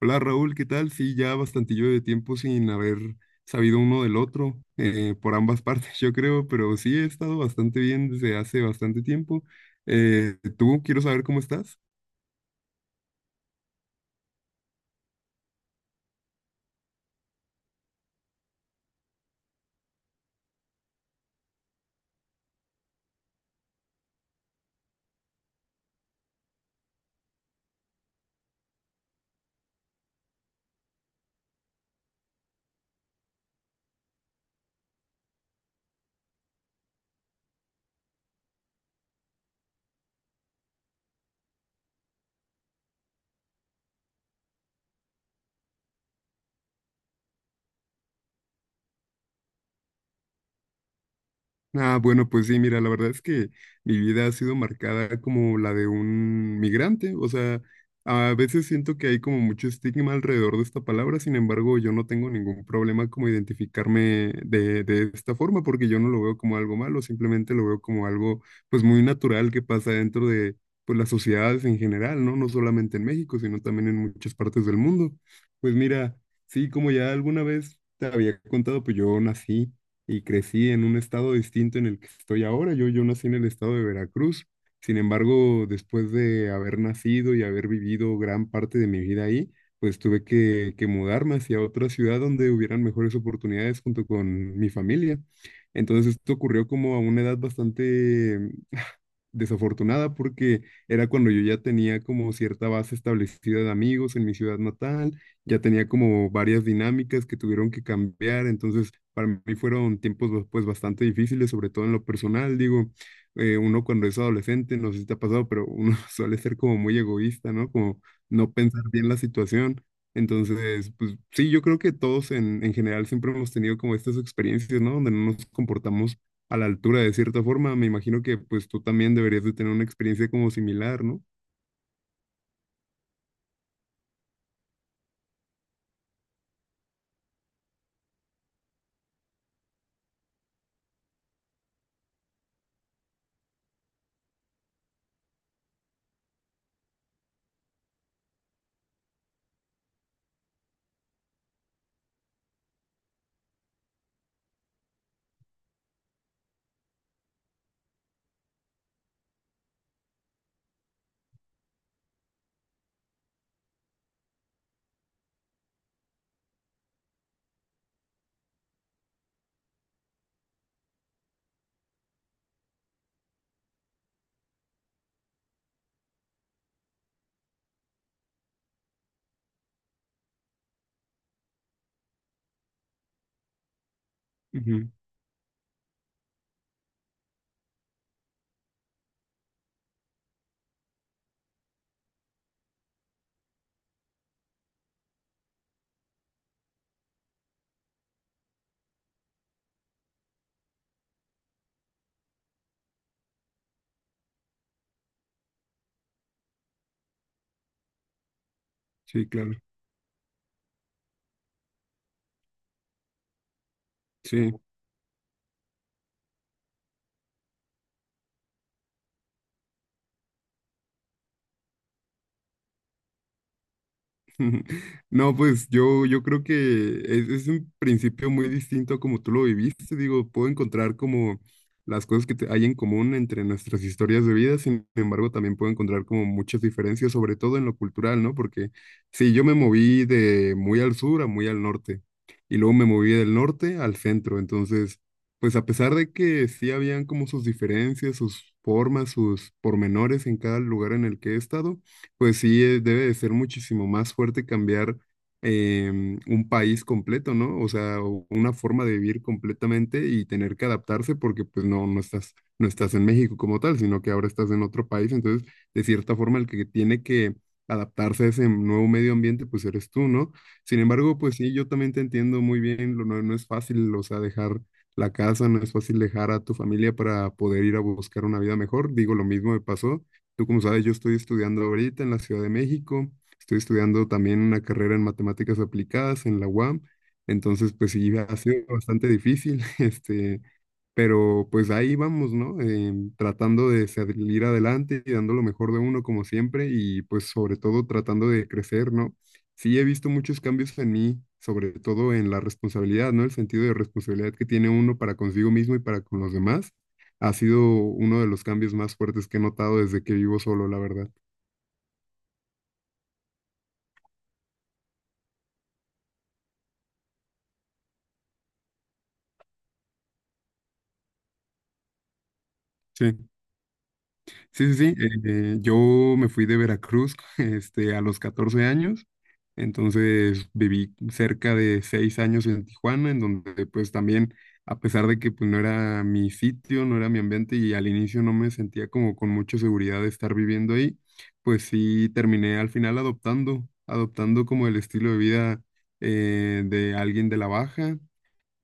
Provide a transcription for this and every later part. Hola Raúl, ¿qué tal? Sí, ya bastantillo de tiempo sin haber sabido uno del otro, por ambas partes yo creo, pero sí he estado bastante bien desde hace bastante tiempo. ¿Tú quiero saber cómo estás? Ah, bueno, pues sí, mira, la verdad es que mi vida ha sido marcada como la de un migrante, o sea, a veces siento que hay como mucho estigma alrededor de esta palabra, sin embargo, yo no tengo ningún problema como identificarme de esta forma, porque yo no lo veo como algo malo, simplemente lo veo como algo pues muy natural que pasa dentro de pues las sociedades en general, ¿no? No solamente en México, sino también en muchas partes del mundo. Pues mira, sí, como ya alguna vez te había contado, pues yo nací y crecí en un estado distinto en el que estoy ahora. Yo nací en el estado de Veracruz. Sin embargo, después de haber nacido y haber vivido gran parte de mi vida ahí, pues tuve que mudarme hacia otra ciudad donde hubieran mejores oportunidades junto con mi familia. Entonces esto ocurrió como a una edad bastante desafortunada porque era cuando yo ya tenía como cierta base establecida de amigos en mi ciudad natal, ya tenía como varias dinámicas que tuvieron que cambiar, entonces para mí fueron tiempos pues bastante difíciles, sobre todo en lo personal, digo, uno cuando es adolescente, no sé si te ha pasado, pero uno suele ser como muy egoísta, ¿no? Como no pensar bien la situación. Entonces, pues sí, yo creo que todos en general siempre hemos tenido como estas experiencias, ¿no? Donde no nos comportamos a la altura de cierta forma. Me imagino que pues tú también deberías de tener una experiencia como similar, ¿no? Ujú. Sí, claro. Sí. No, pues yo creo que es un principio muy distinto a como tú lo viviste. Digo, puedo encontrar como las cosas hay en común entre nuestras historias de vida, sin embargo, también puedo encontrar como muchas diferencias, sobre todo en lo cultural, ¿no? Porque sí, yo me moví de muy al sur a muy al norte, y luego me moví del norte al centro. Entonces, pues a pesar de que sí habían como sus diferencias, sus formas, sus pormenores en cada lugar en el que he estado. Pues sí, debe de ser muchísimo más fuerte cambiar un país completo, ¿no? O sea, o una forma de vivir completamente y tener que adaptarse porque pues no, no estás en México como tal, sino que ahora estás en otro país. Entonces, de cierta forma, el que tiene que adaptarse a ese nuevo medio ambiente, pues eres tú, ¿no? Sin embargo, pues sí, yo también te entiendo muy bien, no, no es fácil, o sea, dejar la casa, no es fácil dejar a tu familia para poder ir a buscar una vida mejor. Digo, lo mismo me pasó. Tú, como sabes, yo estoy estudiando ahorita en la Ciudad de México. Estoy estudiando también una carrera en matemáticas aplicadas en la UAM. Entonces, pues sí, ha sido bastante difícil, este, pero pues ahí vamos, ¿no? Tratando de salir adelante y dando lo mejor de uno como siempre y pues sobre todo tratando de crecer, ¿no? Sí, he visto muchos cambios en mí, sobre todo en la responsabilidad, ¿no? El sentido de responsabilidad que tiene uno para consigo mismo y para con los demás ha sido uno de los cambios más fuertes que he notado desde que vivo solo, la verdad. Sí, sí, sí, sí. Yo me fui de Veracruz, este, a los 14 años, entonces viví cerca de 6 años en Tijuana, en donde pues también, a pesar de que pues no era mi sitio, no era mi ambiente y al inicio no me sentía como con mucha seguridad de estar viviendo ahí, pues sí terminé al final adoptando como el estilo de vida, de alguien de la baja.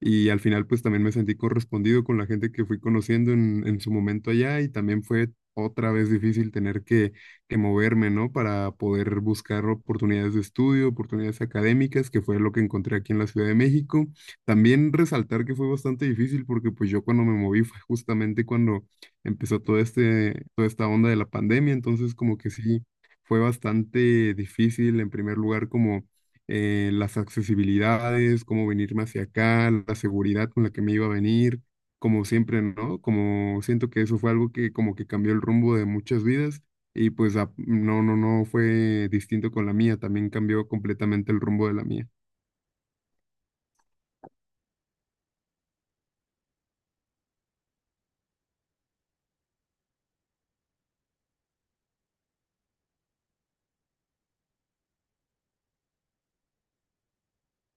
Y al final, pues también me sentí correspondido con la gente que fui conociendo en su momento allá y también fue otra vez difícil tener que moverme, ¿no? Para poder buscar oportunidades de estudio, oportunidades académicas, que fue lo que encontré aquí en la Ciudad de México. También resaltar que fue bastante difícil porque pues yo cuando me moví fue justamente cuando empezó toda esta onda de la pandemia, entonces como que sí, fue bastante difícil en primer lugar como, las accesibilidades, cómo venirme hacia acá, la seguridad con la que me iba a venir, como siempre, ¿no? Como siento que eso fue algo que como que cambió el rumbo de muchas vidas y pues no, no, no fue distinto con la mía, también cambió completamente el rumbo de la mía.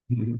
Ujú.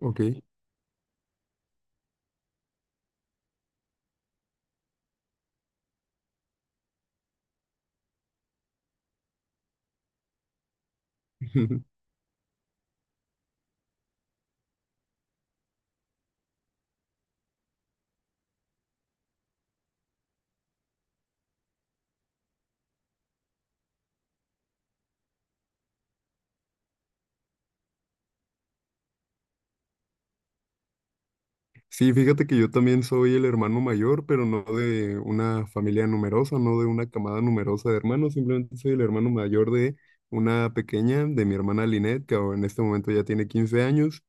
Ok. Sí, fíjate que yo también soy el hermano mayor, pero no de una familia numerosa, no de una camada numerosa de hermanos, simplemente soy el hermano mayor de una pequeña, de mi hermana Linet, que ahora en este momento ya tiene 15 años.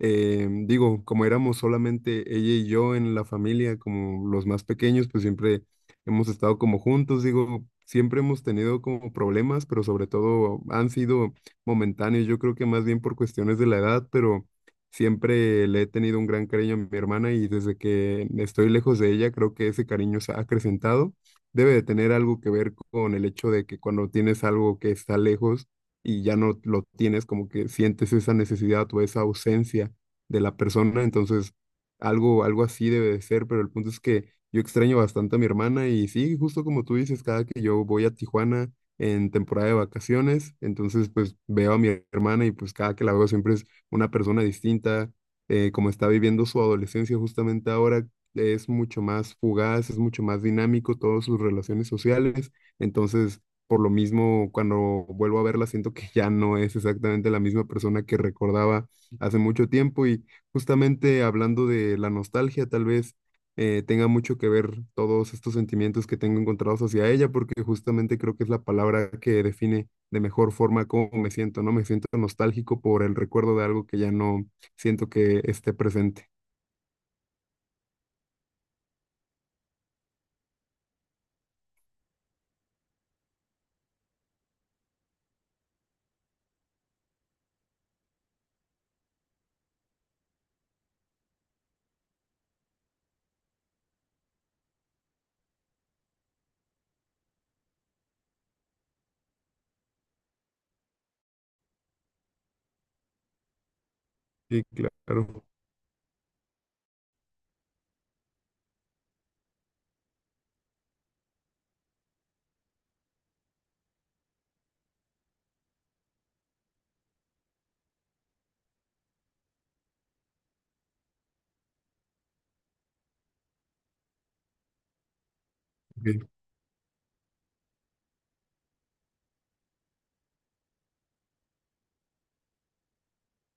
Digo, como éramos solamente ella y yo en la familia, como los más pequeños, pues siempre hemos estado como juntos, digo, siempre hemos tenido como problemas, pero sobre todo han sido momentáneos, yo creo que más bien por cuestiones de la edad, pero... Siempre le he tenido un gran cariño a mi hermana y desde que estoy lejos de ella, creo que ese cariño se ha acrecentado. Debe de tener algo que ver con el hecho de que cuando tienes algo que está lejos y ya no lo tienes, como que sientes esa necesidad o esa ausencia de la persona. Entonces, algo, algo así debe de ser, pero el punto es que yo extraño bastante a mi hermana y sí, justo como tú dices, cada que yo voy a Tijuana en temporada de vacaciones, entonces pues veo a mi hermana y pues cada que la veo siempre es una persona distinta, como está viviendo su adolescencia justamente ahora, es mucho más fugaz, es mucho más dinámico todas sus relaciones sociales. Entonces, por lo mismo, cuando vuelvo a verla, siento que ya no es exactamente la misma persona que recordaba hace mucho tiempo. Y justamente hablando de la nostalgia, tal vez tenga mucho que ver todos estos sentimientos que tengo encontrados hacia ella, porque justamente creo que es la palabra que define de mejor forma cómo me siento, ¿no? Me siento nostálgico por el recuerdo de algo que ya no siento que esté presente. Sí, claro. Ok.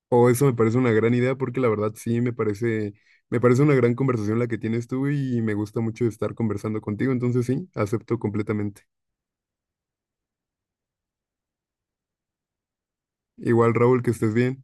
O eso me parece una gran idea porque la verdad sí me parece una gran conversación la que tienes tú y me gusta mucho estar conversando contigo, entonces sí, acepto completamente. Igual, Raúl, que estés bien.